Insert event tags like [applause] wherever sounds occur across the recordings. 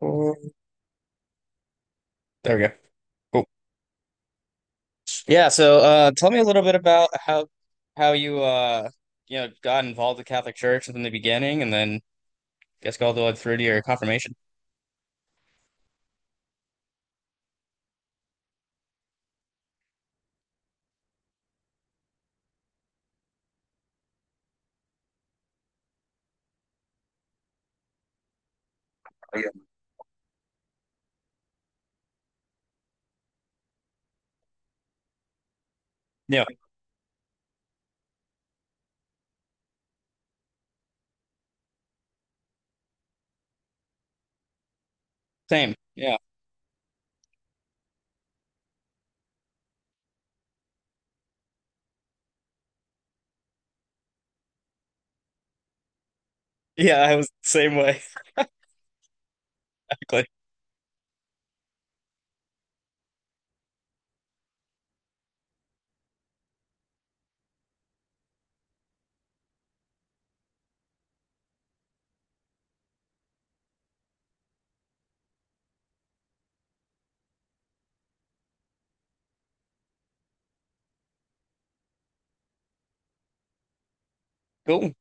Mm, there we go. Cool. Yeah, so tell me a little bit about how you you know got involved with the Catholic Church from the beginning, and then I guess all the way through to your confirmation. Oh, yeah. Yeah, same. Yeah, yeah, I was the same way. [laughs] Exactly. Cool.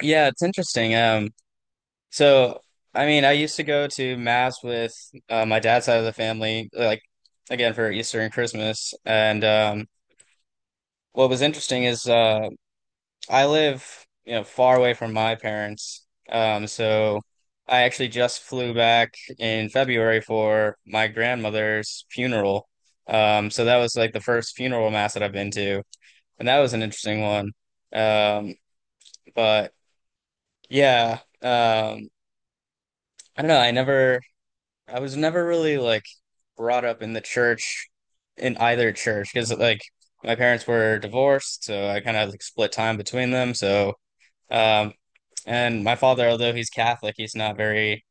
Yeah, it's interesting. So I mean, I used to go to mass with my dad's side of the family, like again for Easter and Christmas, and what was interesting is. I live, you know, far away from my parents. So I actually just flew back in February for my grandmother's funeral. So that was like the first funeral mass that I've been to, and that was an interesting one. Um, but yeah, um, I don't know. I was never really like brought up in the church, in either church, because like my parents were divorced, so I kind of like split time between them. Um, And my father, although he's Catholic, he's not very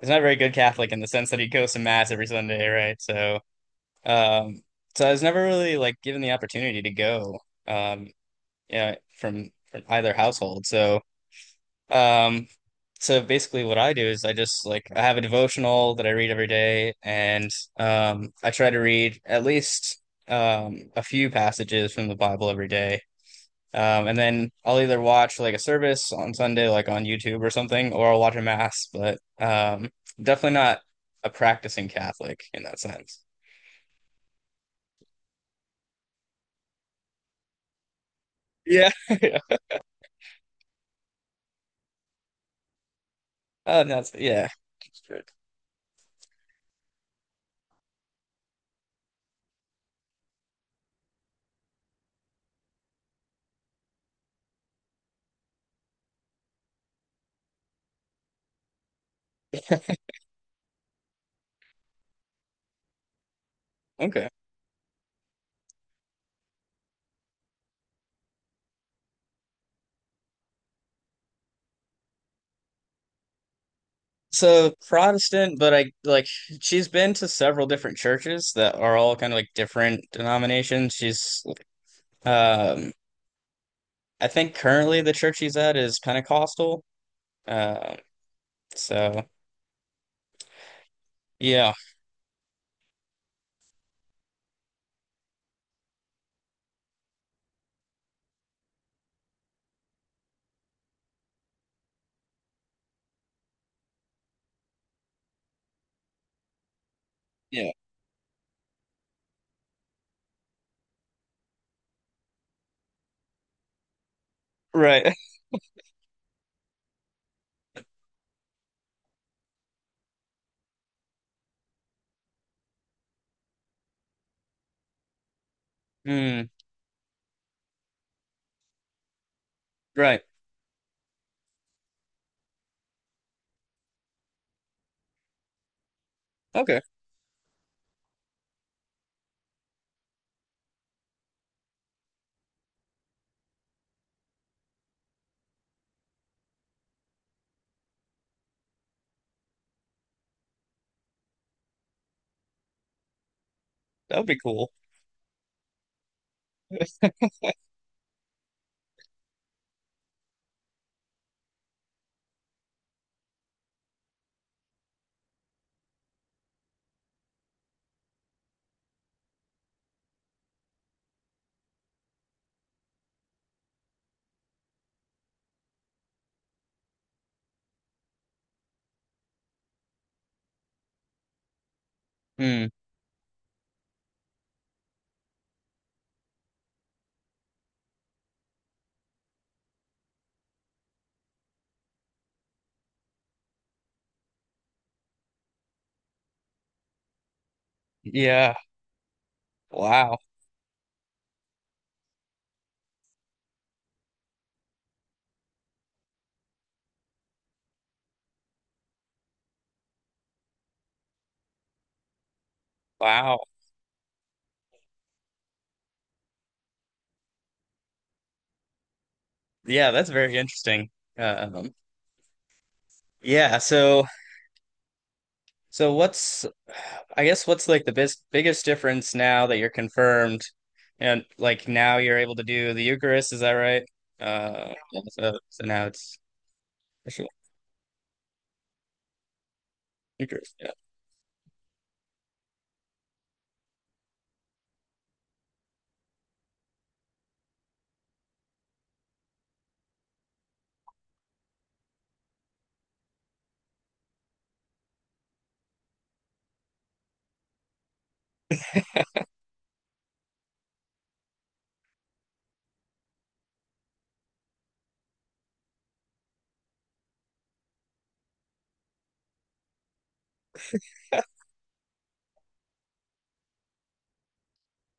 he's not a very good Catholic in the sense that he goes to mass every Sunday, right? Um, so I was never really like given the opportunity to go, um, yeah, from either household. Um, so basically, what I do is I just like I have a devotional that I read every day, and I try to read at least a few passages from the Bible every day. And then I'll either watch like a service on Sunday, like on YouTube or something, or I'll watch a mass, but definitely not a practicing Catholic in that sense. Yeah. [laughs] Yeah. Oh, that's yeah. Good. Okay. So Protestant, but I like she's been to several different churches that are all kind of like different denominations. She's um I think currently the church she's at is Pentecostal. Um, so yeah. Yeah. Right. [laughs] Mm, right. Okay. That would be cool. Hmm. Yeah. Wow. Wow. Yeah, that's very interesting. Um, yeah, so so what's I guess what's like the bis biggest difference now that you're confirmed and like now you're able to do the Eucharist, is that right? Yeah, so now it's official Eucharist. Yeah.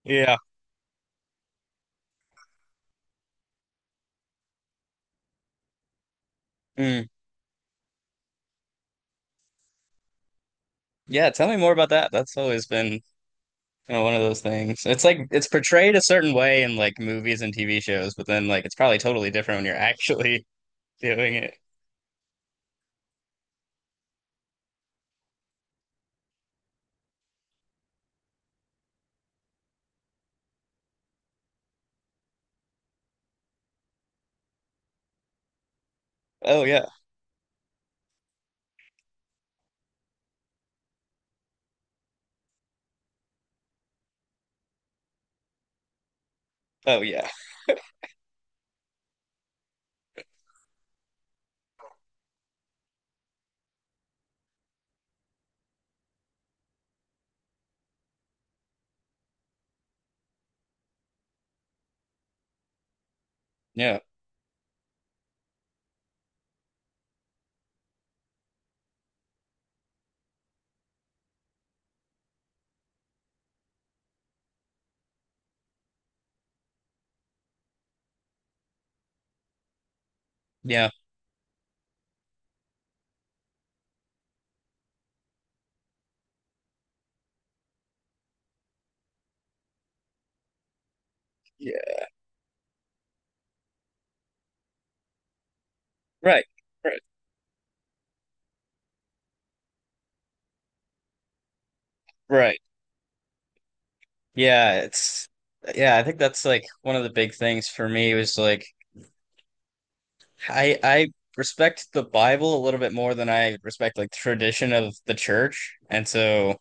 Yeah. Mm. Yeah, tell me more about that. That's always been, you know, one of those things. It's like it's portrayed a certain way in like movies and TV shows, but then like it's probably totally different when you're [laughs] actually doing it. Oh yeah. Oh yeah. Yeah. Yeah. Yeah. Right. Right. Right. Yeah, it's yeah, I think that's like one of the big things for me was like I respect the Bible a little bit more than I respect like tradition of the church. And so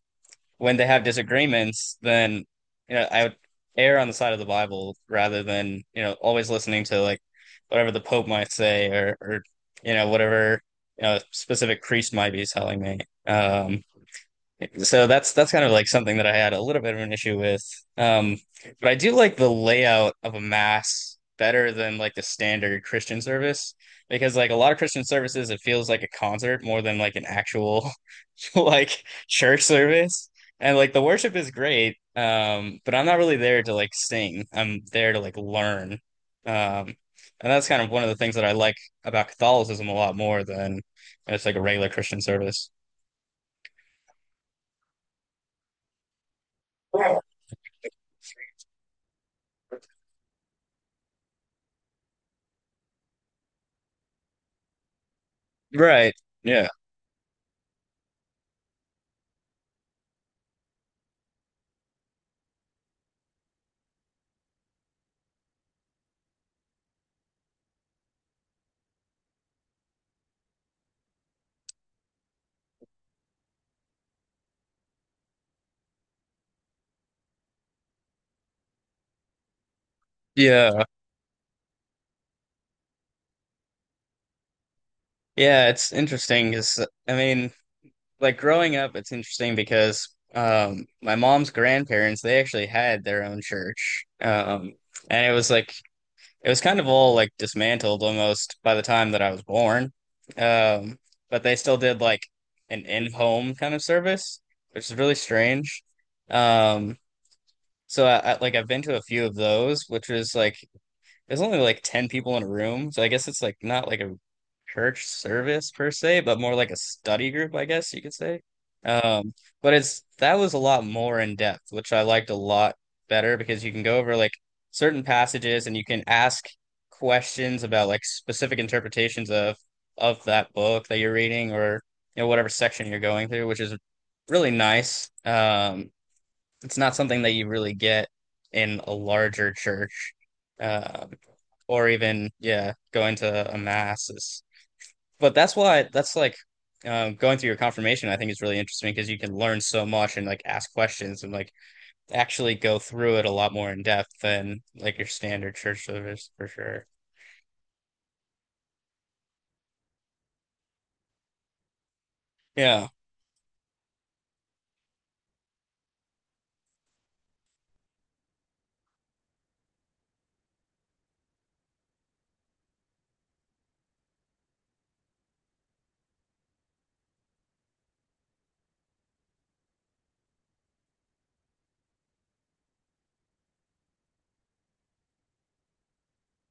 when they have disagreements, then, you know, I would err on the side of the Bible rather than, you know, always listening to like whatever the Pope might say, or you know, whatever, you know, a specific priest might be telling me. Um So that's kind of like something that I had a little bit of an issue with. Um, but I do like the layout of a mass better than like the standard Christian service, because like a lot of Christian services it feels like a concert more than like an actual [laughs] like church service. And like the worship is great, but I'm not really there to like sing. I'm there to like learn. Um, and that's kind of one of the things that I like about Catholicism a lot more than it's like a regular Christian service. Right. Yeah. Yeah, yeah, it's interesting because I mean, like growing up, it's interesting because my mom's grandparents, they actually had their own church. And it was like it was kind of all like dismantled almost by the time that I was born. Um but they still did like an in-home kind of service, which is really strange. Um so I've been to a few of those, which is like there's only like 10 people in a room. So I guess it's like not like a church service per se, but more like a study group, I guess you could say. Um, but it's That was a lot more in depth, which I liked a lot better because you can go over like certain passages and you can ask questions about like specific interpretations of that book that you're reading or, you know, whatever section you're going through, which is really nice. It's not something that you really get in a larger church. Um, or even yeah, going to a mass is. But that's why, that's like, going through your confirmation I think is really interesting because you can learn so much and like ask questions and like actually go through it a lot more in depth than like your standard church service for sure. Yeah.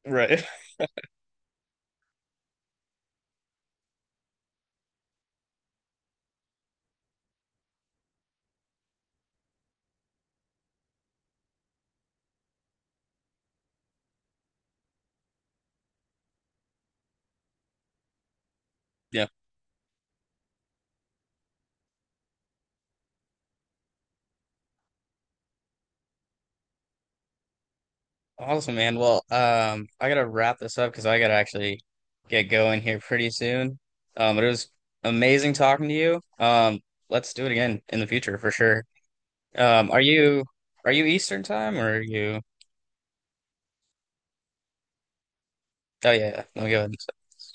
Right. [laughs] Yeah. Awesome, man. Well, I gotta wrap this up because I gotta actually get going here pretty soon. But it was amazing talking to you. Let's do it again in the future for sure. Um, are you are you Eastern time, or are you? Oh yeah, yeah. No, go ahead.